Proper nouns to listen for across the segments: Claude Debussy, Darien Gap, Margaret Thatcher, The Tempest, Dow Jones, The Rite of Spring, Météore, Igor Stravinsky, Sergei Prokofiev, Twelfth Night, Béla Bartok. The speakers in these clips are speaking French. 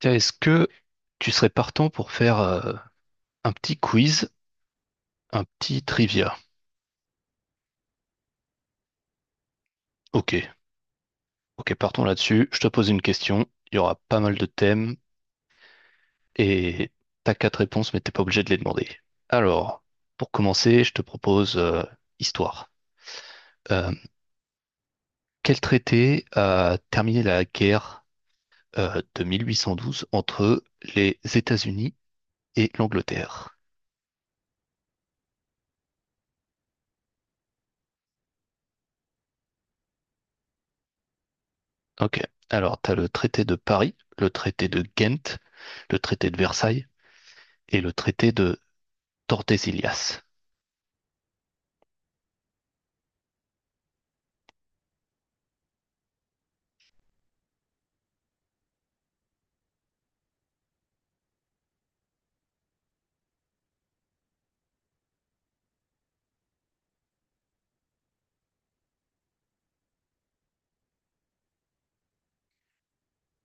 Tiens, est-ce que tu serais partant pour faire un petit quiz, un petit trivia? Ok, ok, partons là-dessus. Je te pose une question. Il y aura pas mal de thèmes et t'as quatre réponses, mais t'es pas obligé de les demander. Alors, pour commencer, je te propose histoire. Euh, quel traité a terminé la guerre de 1812 entre les États-Unis et l'Angleterre? Ok, alors t'as le traité de Paris, le traité de Ghent, le traité de Versailles, et le traité de Tordesillas.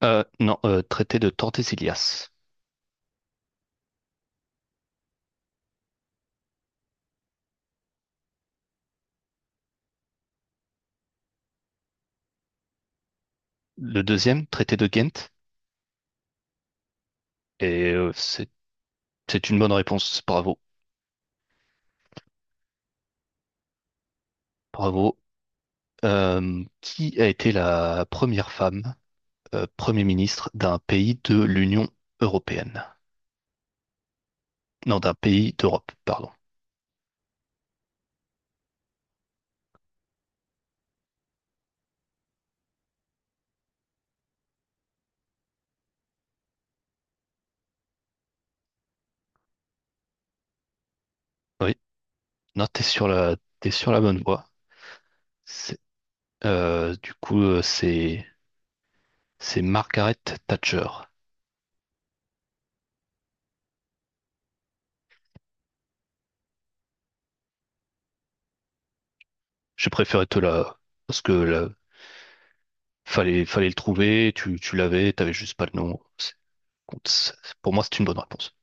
Non, traité de Tordesillas. Le deuxième, traité de Ghent. Et c'est une bonne réponse. Bravo. Bravo. Qui a été la première femme Premier ministre d'un pays de l'Union européenne. Non, d'un pays d'Europe, pardon. Oui, non, t'es sur la bonne voie. C'est- du coup, c'est Margaret Thatcher. Je préférais te la, parce que la, fallait, fallait le trouver, tu l'avais, t'avais juste pas le nom. C'est- Pour moi, c'est une bonne réponse.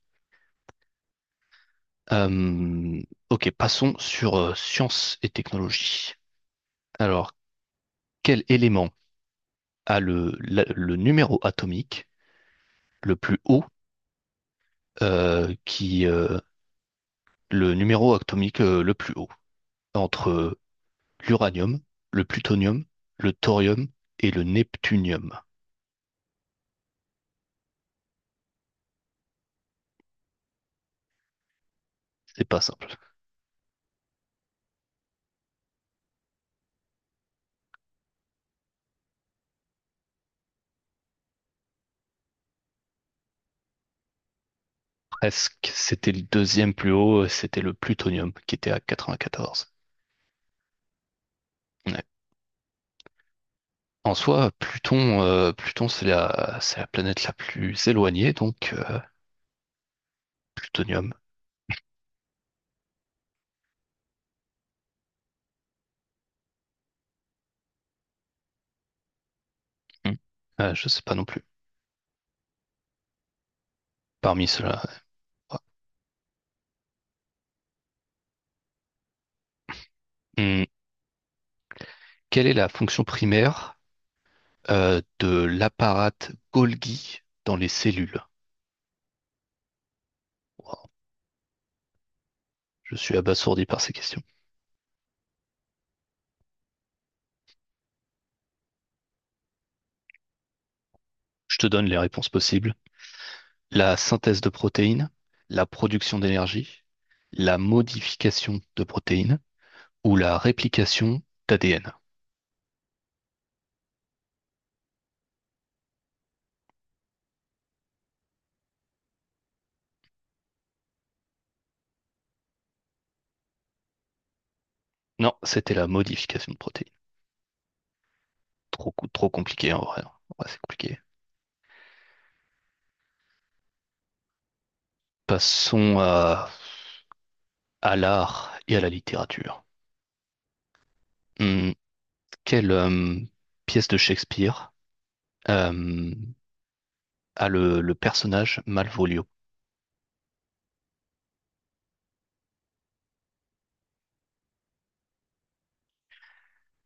Euh, ok, passons sur sciences et technologies. Alors, quel élément a le numéro atomique le plus haut, euh, qui, euh, le numéro atomique le plus haut, entre l'uranium, le plutonium, le thorium et le neptunium? C'est pas simple. Presque, c'était le deuxième plus haut, c'était le plutonium qui était à 94. Ouais. En soi, Pluton, c'est c'est la planète la plus éloignée, donc plutonium. Hmm. Je sais pas non plus. Parmi ceux-là. Ouais. Hmm. Quelle est la fonction primaire de l'apparate Golgi dans les cellules? Wow, je suis abasourdi par ces questions. Je te donne les réponses possibles. La synthèse de protéines, la production d'énergie, la modification de protéines ou la réplication d'ADN. Non, c'était la modification de protéines. Trop compliqué en vrai. En C'est compliqué. Passons à l'art et à la littérature. Hum, quelle pièce de Shakespeare euh, a le personnage Malvolio?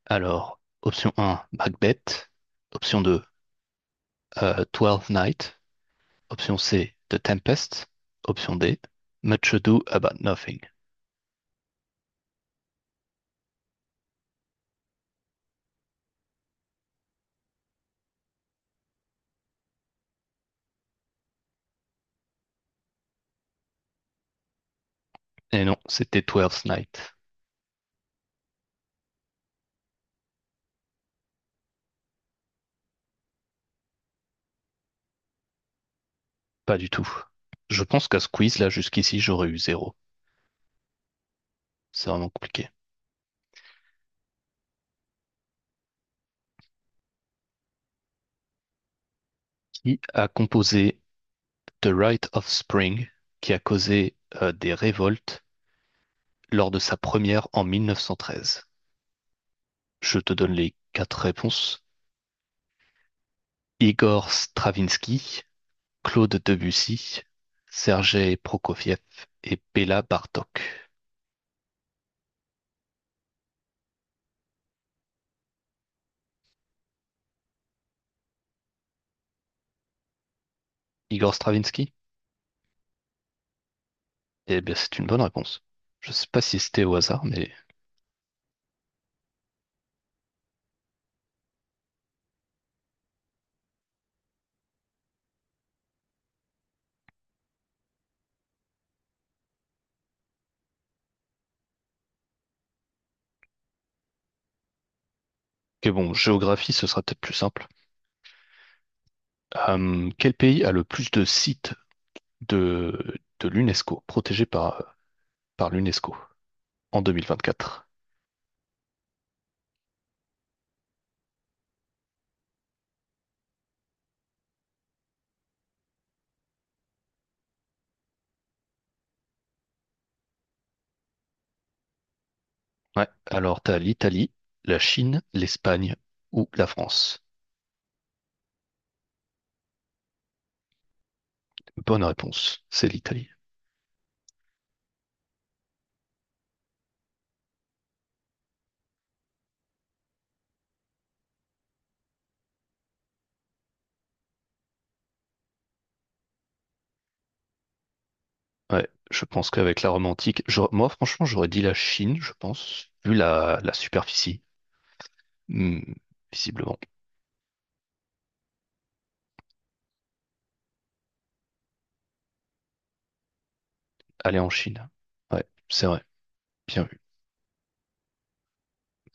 Alors, option un, Macbeth. Option 2, Twelfth Night. Option C, The Tempest. Option D, Much Ado About Nothing. Et non, c'était Twelfth Night. Pas du tout. Je pense qu'à ce quiz, là, jusqu'ici, j'aurais eu zéro. C'est vraiment compliqué. Qui a composé The Rite of Spring, qui a causé des révoltes lors de sa première en 1913? Je te donne les quatre réponses. Igor Stravinsky, Claude Debussy, Sergei Prokofiev et Béla Bartok. Igor Stravinsky? Eh bien, c'est une bonne réponse. Je sais pas si c'était au hasard, mais... Ok, bon, géographie, ce sera peut-être plus simple. Quel pays a le plus de sites de l'UNESCO, protégés par, par l'UNESCO en deux mille vingt-quatre. Ouais, alors t'as l'Italie, la Chine, l'Espagne ou la France. Bonne réponse, c'est l'Italie. Ouais, je pense qu'avec la Rome antique, moi franchement j'aurais dit la Chine, je pense, vu la superficie, hmm, visiblement. Aller en Chine. Ouais, c'est vrai, bien vu.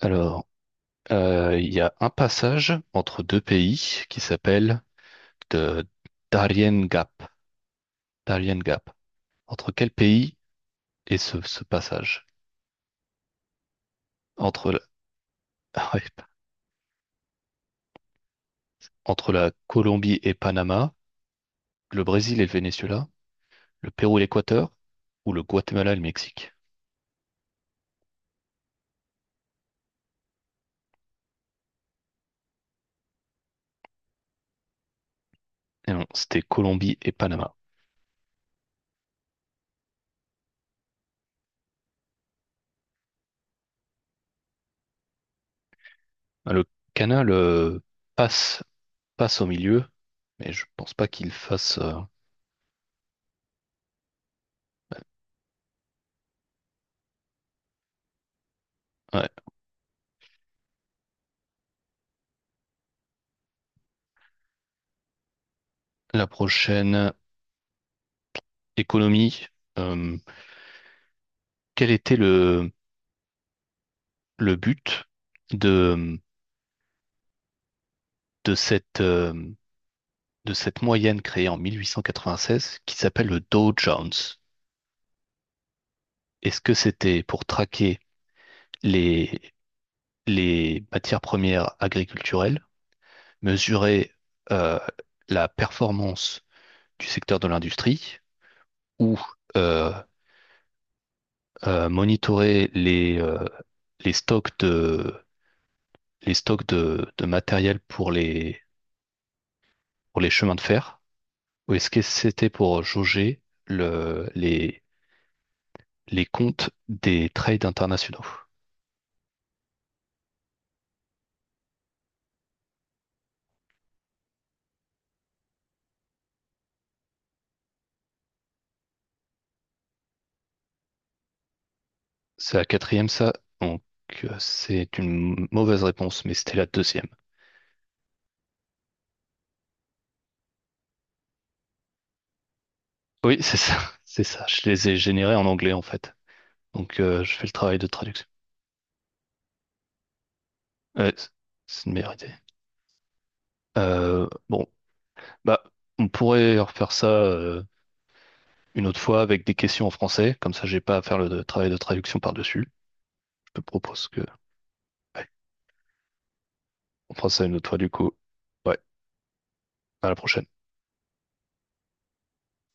Alors, il y a un passage entre deux pays qui s'appelle de Darien Gap. Darien Gap. Entre quel pays est ce passage? Entre la, ouais, entre la Colombie et Panama, le Brésil et le Venezuela, le Pérou et l'Équateur ou le Guatemala et le Mexique? Et non, c'était Colombie et Panama. Ah, le canal passe, passe au milieu, mais je pense pas qu'il fasse. Ouais. La prochaine, économie. euh, Quel était le but de, de cette, euh, de cette moyenne créée en 1896 qui s'appelle le Dow Jones. Est-ce que c'était pour traquer les, les matières premières agriculturelles, mesurer euh, la performance du secteur de l'industrie ou euh, monitorer les stocks les stocks de matériel pour pour les chemins de fer? Ou est-ce que c'était pour jauger le, les, les comptes des trades internationaux. C'est la quatrième, ça. Donc, c'est une mauvaise réponse, mais c'était la deuxième. Oui, c'est ça. C'est ça. Je les ai générés en anglais, en fait. Donc, je fais le travail de traduction. Ouais, c'est c'est une meilleure idée. Bon, bah, on pourrait refaire ça. Une autre fois avec des questions en français. Comme ça, j'ai pas à faire le travail de traduction par-dessus. Je te propose que, ouais, on fera ça une autre fois du coup. Ouais, à la prochaine.